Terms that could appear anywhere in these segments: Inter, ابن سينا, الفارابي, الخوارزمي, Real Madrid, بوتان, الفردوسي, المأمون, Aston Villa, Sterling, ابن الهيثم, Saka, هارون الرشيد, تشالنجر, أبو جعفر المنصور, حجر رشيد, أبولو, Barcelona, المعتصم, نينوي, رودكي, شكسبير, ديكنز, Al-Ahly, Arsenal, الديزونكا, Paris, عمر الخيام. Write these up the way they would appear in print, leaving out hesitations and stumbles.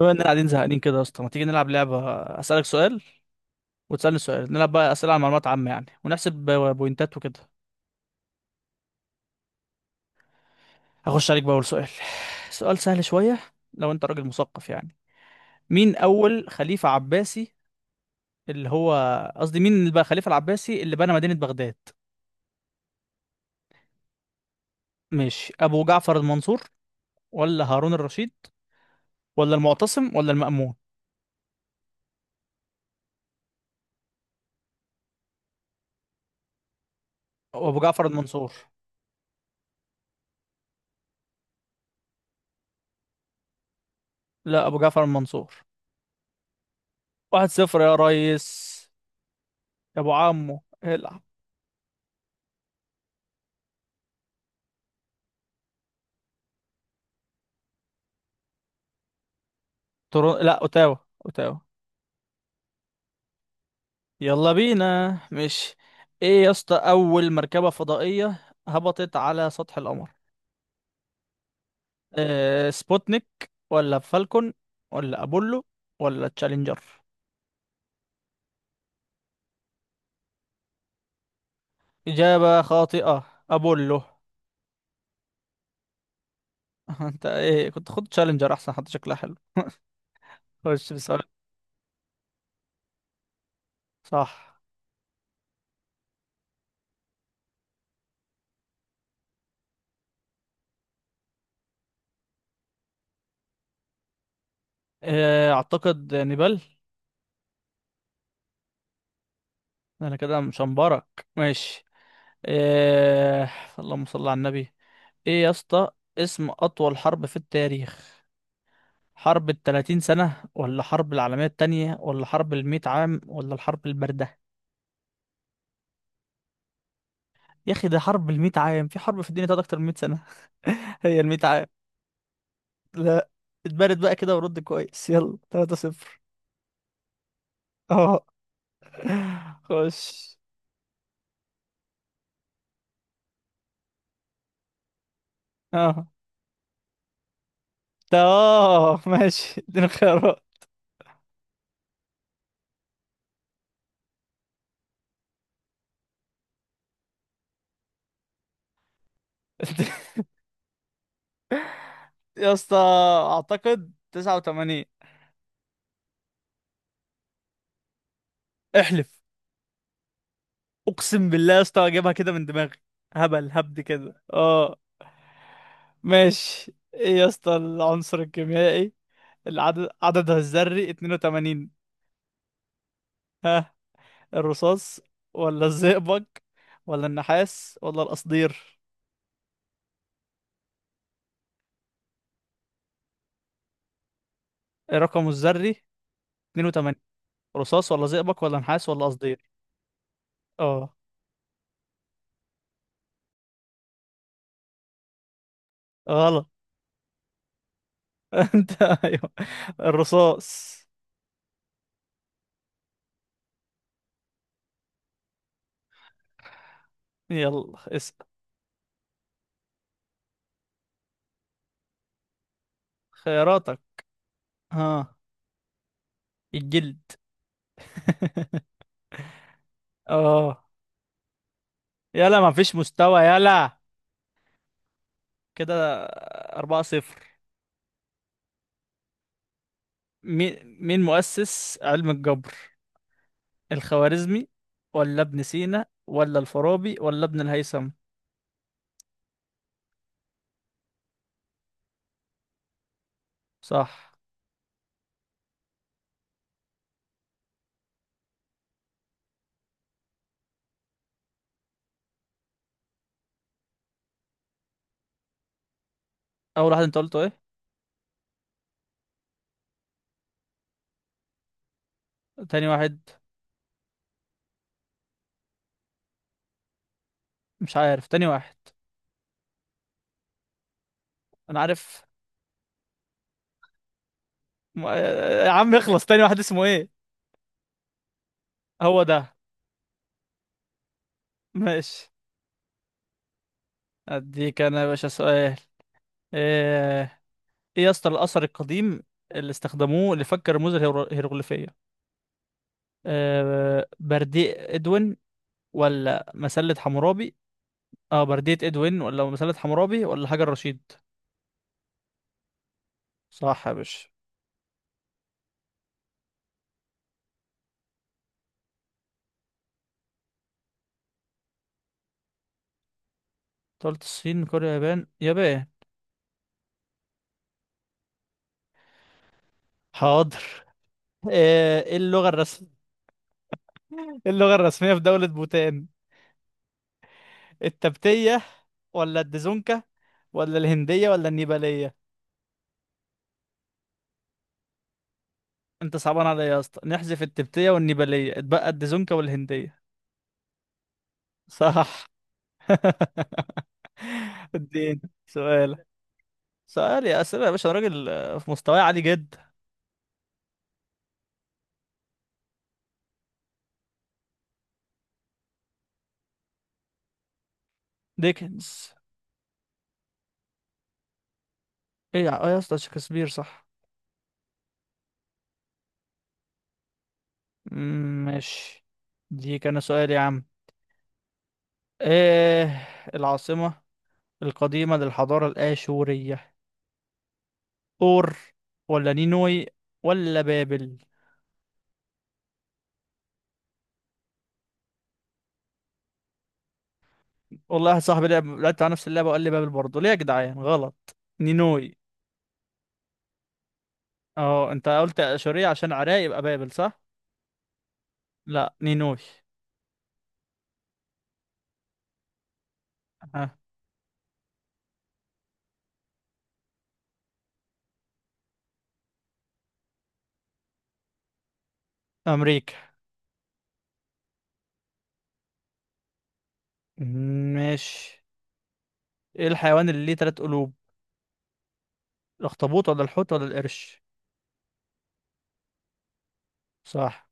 بما اننا قاعدين زهقانين كده يا اسطى، ما تيجي نلعب لعبة؟ اسألك سؤال وتسألني سؤال، نلعب بقى أسئلة عن معلومات عامة يعني، ونحسب بوينتات وكده. هخش عليك بأول سؤال. سؤال سهل شوية، لو انت راجل مثقف يعني. مين أول خليفة عباسي؟ اللي هو قصدي مين اللي بقى الخليفة العباسي اللي بنى مدينة بغداد؟ ماشي، أبو جعفر المنصور ولا هارون الرشيد ولا المعتصم ولا المأمون؟ أبو جعفر المنصور. لا، أبو جعفر المنصور. 1-0 يا ريس. يا أبو عمو العب. لا، أوتاوا. أوتاوا. يلا بينا مش. ايه يا اسطى، اول مركبة فضائية هبطت على سطح القمر؟ سبوتنيك ولا فالكون ولا ابولو ولا تشالنجر؟ اجابة خاطئة، ابولو. انت ايه؟ كنت خد تشالنجر احسن، حتى شكلها حلو. خش بسؤال. صح. اعتقد نيبال. انا كده مشنبرك، ماشي. أه اللهم صل على النبي. ايه يا اسطى، اسم اطول حرب في التاريخ؟ حرب الـ30 سنة، ولا حرب العالمية التانية، ولا حرب المية عام، ولا الحرب الباردة؟ يا أخي، ده حرب المية عام، في حرب في الدنيا تقعد أكتر من مية سنة؟ هي المية عام. لا، اتبارد بقى كده ورد كويس. يلا، 3-0. اه، خش. اه، ده. اه، ماشي، اديني خيارات. يا اسطى، أعتقد 89. احلف. اقسم بالله يا اسطى، اجيبها كده من دماغي. هبل هبد كده، اه. ماشي. ايه يا اسطى، العنصر الكيميائي عددها الذري 82؟ ها. الرصاص ولا الزئبق ولا النحاس ولا القصدير؟ إيه رقمه الذري؟ 82. رصاص ولا زئبق ولا نحاس ولا قصدير؟ اه، غلط. انت، ايوه، الرصاص. يلا اسأل. خياراتك. ها. الجلد. اه. يلا ما فيش مستوى، يلا. كده 4-0. مين مؤسس علم الجبر؟ الخوارزمي ولا ابن سينا ولا الفارابي ولا ابن الهيثم؟ صح. أول واحد أنت قلته إيه؟ تاني واحد. مش عارف تاني واحد. أنا عارف. يا عم اخلص، تاني واحد اسمه إيه؟ هو ده. ماشي. أديك أنا يا باشا سؤال. إيه إيه يا اسطى، الأثر القديم اللي استخدموه لفك الرموز الهيروغليفية؟ برديء ادوين ولا مسلة حمورابي؟ اه بردية ادوين ولا مسلة حمورابي ولا حجر رشيد؟ صح يا باشا. أنت قلت الصين، كوريا، يابان، يابان. حاضر. ايه اللغة الرسمية اللغة الرسمية في دولة بوتان؟ التبتية ولا الديزونكا ولا الهندية ولا النيبالية؟ انت صعبان عليا يا اسطى، نحذف التبتية والنيبالية، اتبقى الديزونكا والهندية. صح. الدين. سؤال. سؤال يا اسئلة يا باشا، أنا راجل في مستواي عالي جدا. ديكنز. ايه يا اسطى، شكسبير؟ صح. مم، ماشي. دي كان سؤال يا عم. ايه العاصمة القديمة للحضارة الآشورية؟ اور ولا نينوي ولا بابل؟ والله، واحد صاحبي لعبت على نفس اللعبة وقال لي بابل، برضه ليه يا جدعان؟ غلط. نينوي. اه، انت قلت آشورية عشان عراق يبقى بابل؟ صح. لا، نينوي. ها، أمريكا. مم، ماشي. ايه الحيوان اللي ليه 3 قلوب؟ الاخطبوط ولا الحوت ولا القرش؟ صح.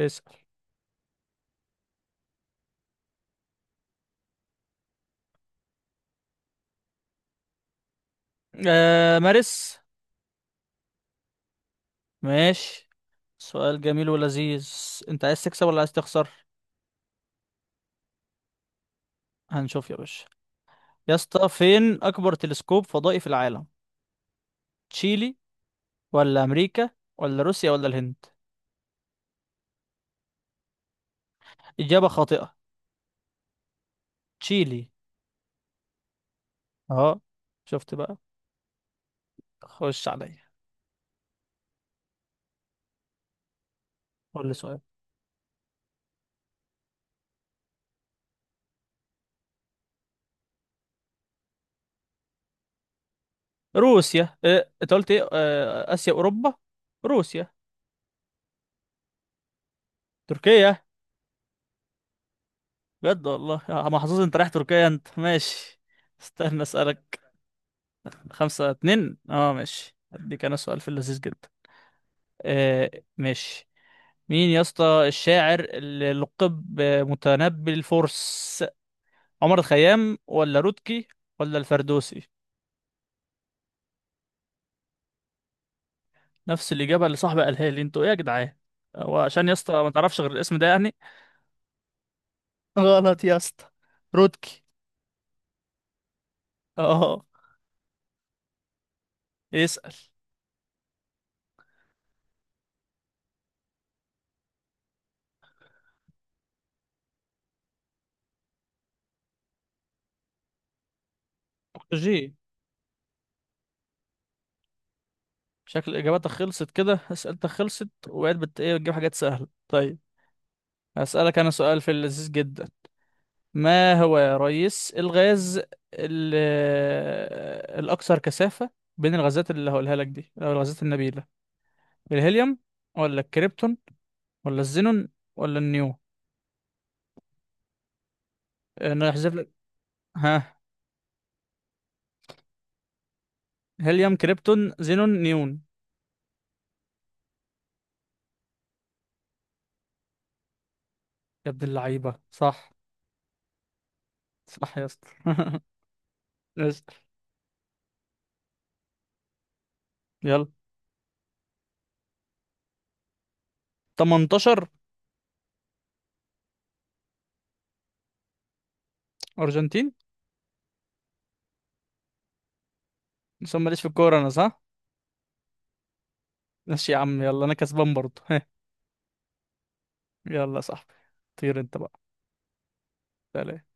اسأل. مارس. ماشي. سؤال جميل ولذيذ. انت عايز تكسب ولا عايز تخسر؟ هنشوف يا باشا. يا اسطى، فين اكبر تلسكوب فضائي في العالم؟ تشيلي ولا امريكا ولا روسيا ولا الهند؟ اجابة خاطئة. تشيلي. اه، شفت بقى. خش عليا. قول لي سؤال. روسيا، انت قلت ايه، اسيا اوروبا؟ روسيا. تركيا. بجد والله يا محظوظ، انت رايح تركيا انت. ماشي. استنى اسالك. 5-2. اه ماشي، هديك انا سؤال في اللذيذ جدا. آه ماشي. مين يا اسطى الشاعر اللي لقب متنبي الفرس؟ عمر الخيام ولا رودكي ولا الفردوسي؟ نفس الإجابة اللي صاحبي قالها لي. انتوا ايه يا جدعان؟ هو عشان يا اسطى ما تعرفش غير الاسم ده يعني؟ غلط يا اسطى. رودكي. اه، اسأل. جي. شكل إجاباتك خلصت كده، أسئلتك خلصت وبقيت ايه، بتجيب حاجات سهلة. طيب، هسألك أنا سؤال في اللذيذ جدا. ما هو يا ريس الغاز ال- الأكثر كثافة بين الغازات اللي هقولها لك دي، أو الغازات النبيلة؟ الهيليوم ولا الكريبتون ولا الزينون ولا النيو؟ أنا هحذف لك. ها. هيليوم، كريبتون، زينون، نيون. يا ابن اللعيبة، صح. صح يا اسطى. اسأل. يلا. 18. أرجنتين. بس أنا ماليش في الكورة أنا، صح؟ ماشي يا عم. يلا، أنا كسبان برضه. يلا يا صاحبي، طير أنت بقى. سلام.